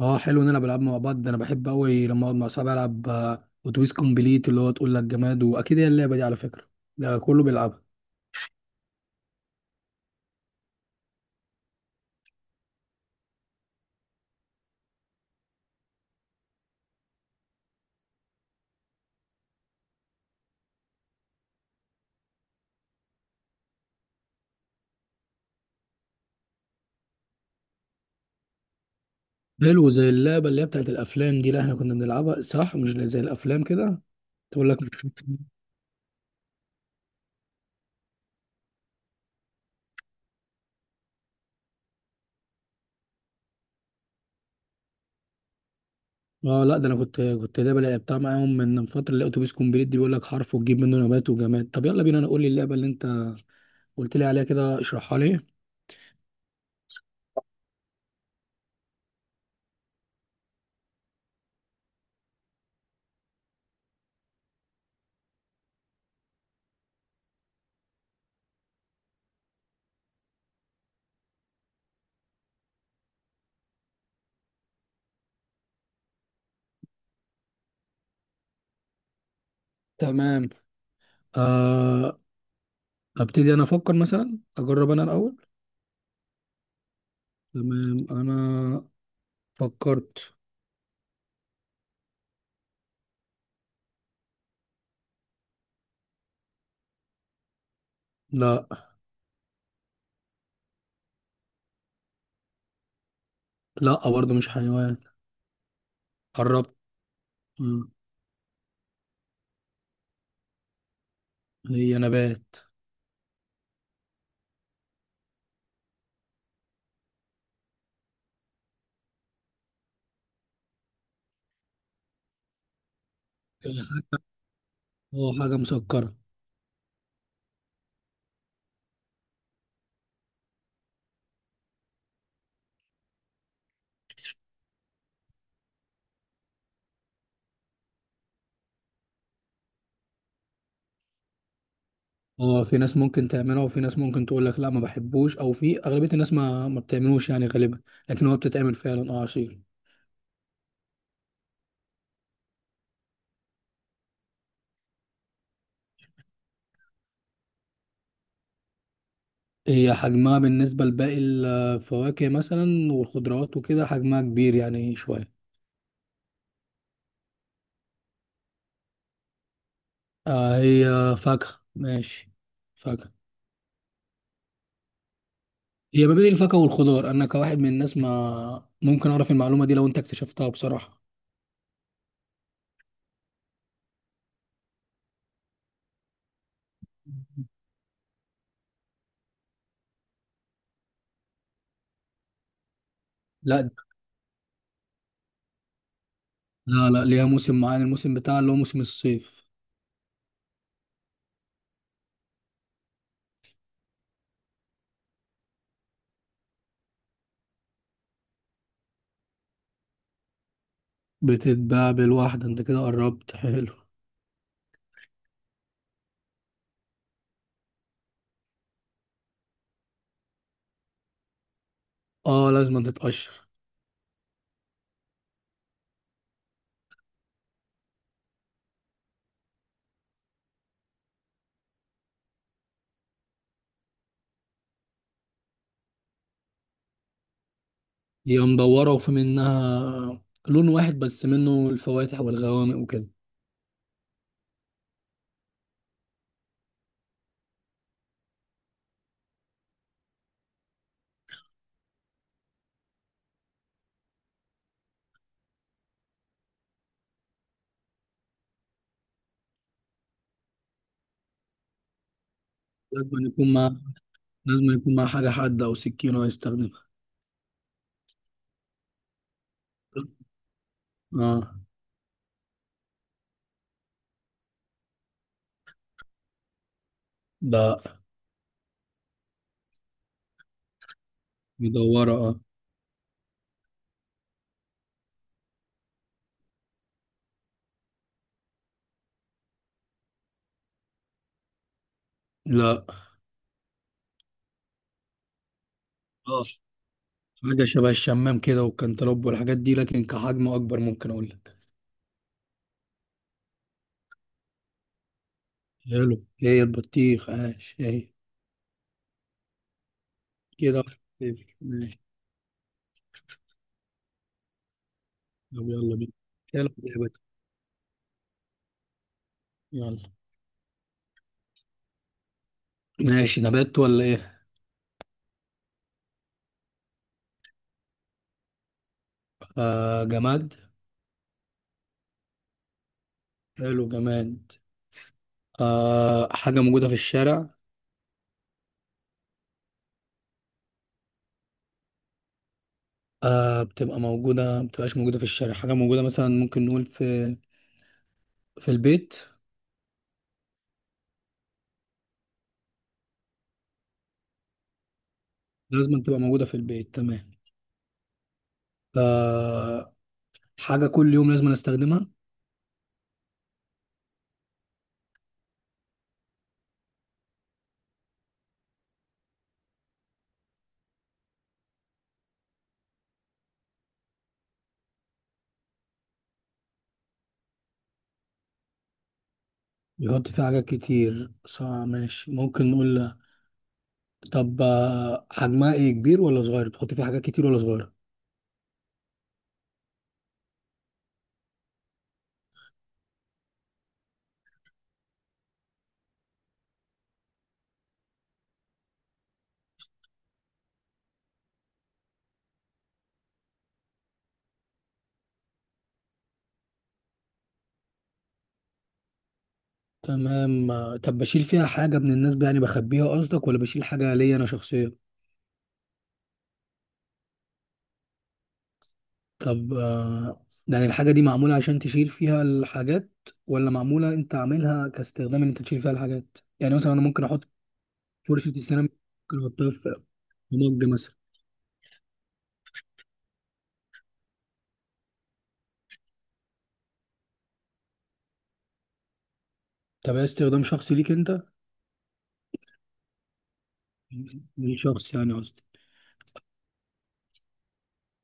اه، حلو نلعب العاب مع بعض. ده انا بحب قوي لما اقعد مع صحابي العب اتوبيس كومبليت، اللي هو تقول لك جماد. واكيد هي اللعبه دي على فكره ده كله بيلعبها. حلو، زي اللعبه اللي هي بتاعت الافلام دي اللي احنا كنا بنلعبها، صح؟ مش زي الافلام كده تقول لك مش عارف إيه. اه لا، ده انا كنت لعبه لعبتها معاهم من فتره، اللي هي اتوبيس كومبليت دي، بيقول لك حرف وتجيب منه نبات وجماد. طب يلا بينا، انا قول لي اللعبه اللي انت قلت لي عليها كده، اشرحها لي. تمام. آه، ابتدي انا افكر. مثلا اجرب انا الاول. تمام، انا فكرت. لا. لا، برضه مش حيوان. قربت. مم. هي نبات. هو حاجة مسكرة. هو في ناس ممكن تعملها، وفي ناس ممكن تقول لك لا ما بحبوش، او في اغلبية الناس ما بتعملوش يعني غالبا. لكن هو بتتعمل فعلا اه عصير. هي حجمها بالنسبة لباقي الفواكه مثلا والخضروات وكده حجمها كبير يعني شوية. آه، هي فاكهة. ماشي، فاكهة. هي ما بين الفاكهة والخضار. انا كواحد من الناس ما ممكن اعرف المعلومة دي لو انت اكتشفتها بصراحة. لا لا لا، ليها موسم معين، الموسم بتاعها اللي هو موسم الصيف. بتتباع بالواحدة. انت كده قربت، حلو. اه، لازم تتقشر. هي مدورة، وفي منها لون واحد بس منه الفواتح والغوامق وكده. لازم يكون مع، لازم يكون مع حاجة حادة أو سكينة يستخدمها. اه. لا، مدورة اه. لا. اه، حاجة شبه الشمام كده والكنتالوب والحاجات دي، لكن كحجم أكبر ممكن أقول لك. حلو، هي البطيخ، عاش هي. كده واحد صفر. ماشي، طب يلا بينا. يلا بينا. يلا. ماشي، نبات ولا ايه؟ آه، جماد. حلو، جماد. آه، حاجة موجودة في الشارع. آه، بتبقى موجودة. ما بتبقاش موجودة في الشارع؟ حاجة موجودة مثلا ممكن نقول في في البيت. لازم تبقى موجودة في البيت. تمام. آه، حاجة كل يوم لازم نستخدمها. بيحط فيها حاجات كتير، صح ماشي. ممكن نقول طب حجمها ايه، كبير ولا صغير؟ بتحط فيها حاجات كتير ولا صغيرة؟ تمام. طب بشيل فيها حاجة من الناس يعني بخبيها قصدك، ولا بشيل حاجة ليا انا شخصيا؟ طب يعني الحاجة دي معمولة عشان تشيل فيها الحاجات، ولا معمولة انت عاملها كاستخدام ان انت تشيل فيها الحاجات؟ يعني مثلا انا ممكن احط فرشة السيراميك، ممكن احطها في في مج مثلا. طب هي استخدام شخصي ليك انت؟ للشخص يعني قصدي.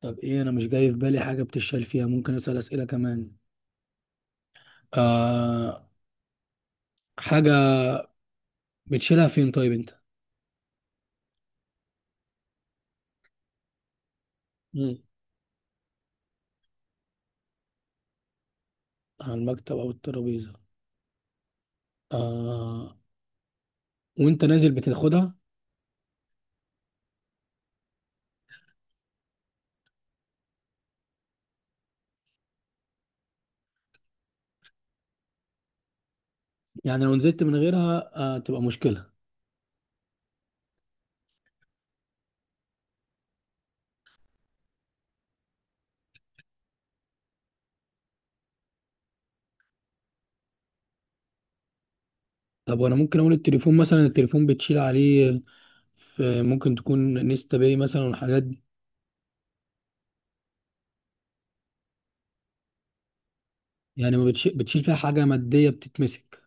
طب ايه؟ انا مش جاي في بالي حاجة بتشيل فيها. ممكن اسأل اسئلة كمان. آه، حاجة بتشيلها فين طيب انت؟ مم. على المكتب او الترابيزة. آه، وانت نازل بتاخدها. يعني لو نزلت من غيرها آه تبقى مشكلة. طب وانا ممكن اقول التليفون مثلا، التليفون بتشيل عليه، في ممكن تكون نيستا باي مثلا والحاجات دي. يعني ما بتشيل, بتشيل فيها حاجه ماديه بتتمسك.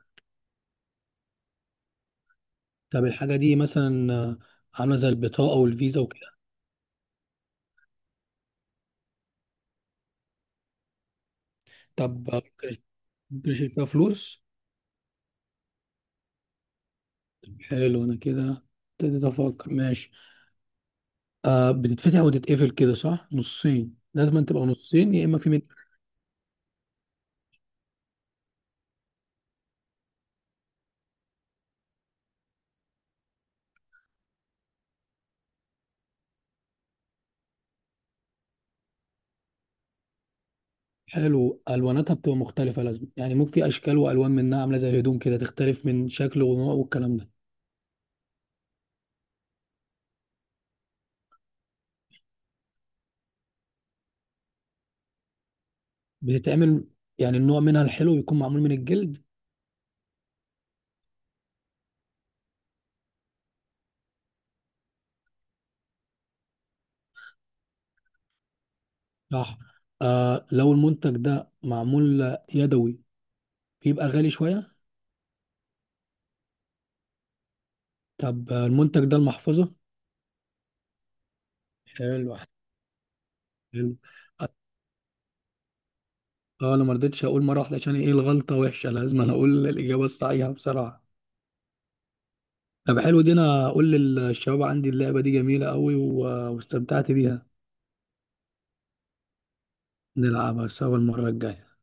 طب الحاجه دي مثلا عامله زي البطاقه والفيزا وكده. طب ممكن، ممكن اشيل فيها فلوس. حلو، انا كده ابتديت افكر. ماشي. آه، بتتفتح وتتقفل كده، صح؟ نصين، لازم تبقى نصين يا اما في من. حلو، الواناتها بتبقى مختلفه لازم، يعني ممكن في اشكال والوان منها عامله زي الهدوم كده، تختلف من شكل ونوع والكلام ده. بتتعمل، يعني النوع منها الحلو بيكون معمول من الجلد. راح. آه، لو المنتج ده معمول يدوي بيبقى غالي شوية. طب المنتج ده المحفظة. حلو. حلو. اه، انا ما رضيتش اقول مرة واحدة. عشان ايه؟ الغلطة وحشة، لازم انا اقول الإجابة الصحيحة بصراحة. طب حلو، دي انا اقول للشباب عندي اللعبة دي جميلة قوي، واستمتعت بيها. نلعبها سوا المرة الجاية.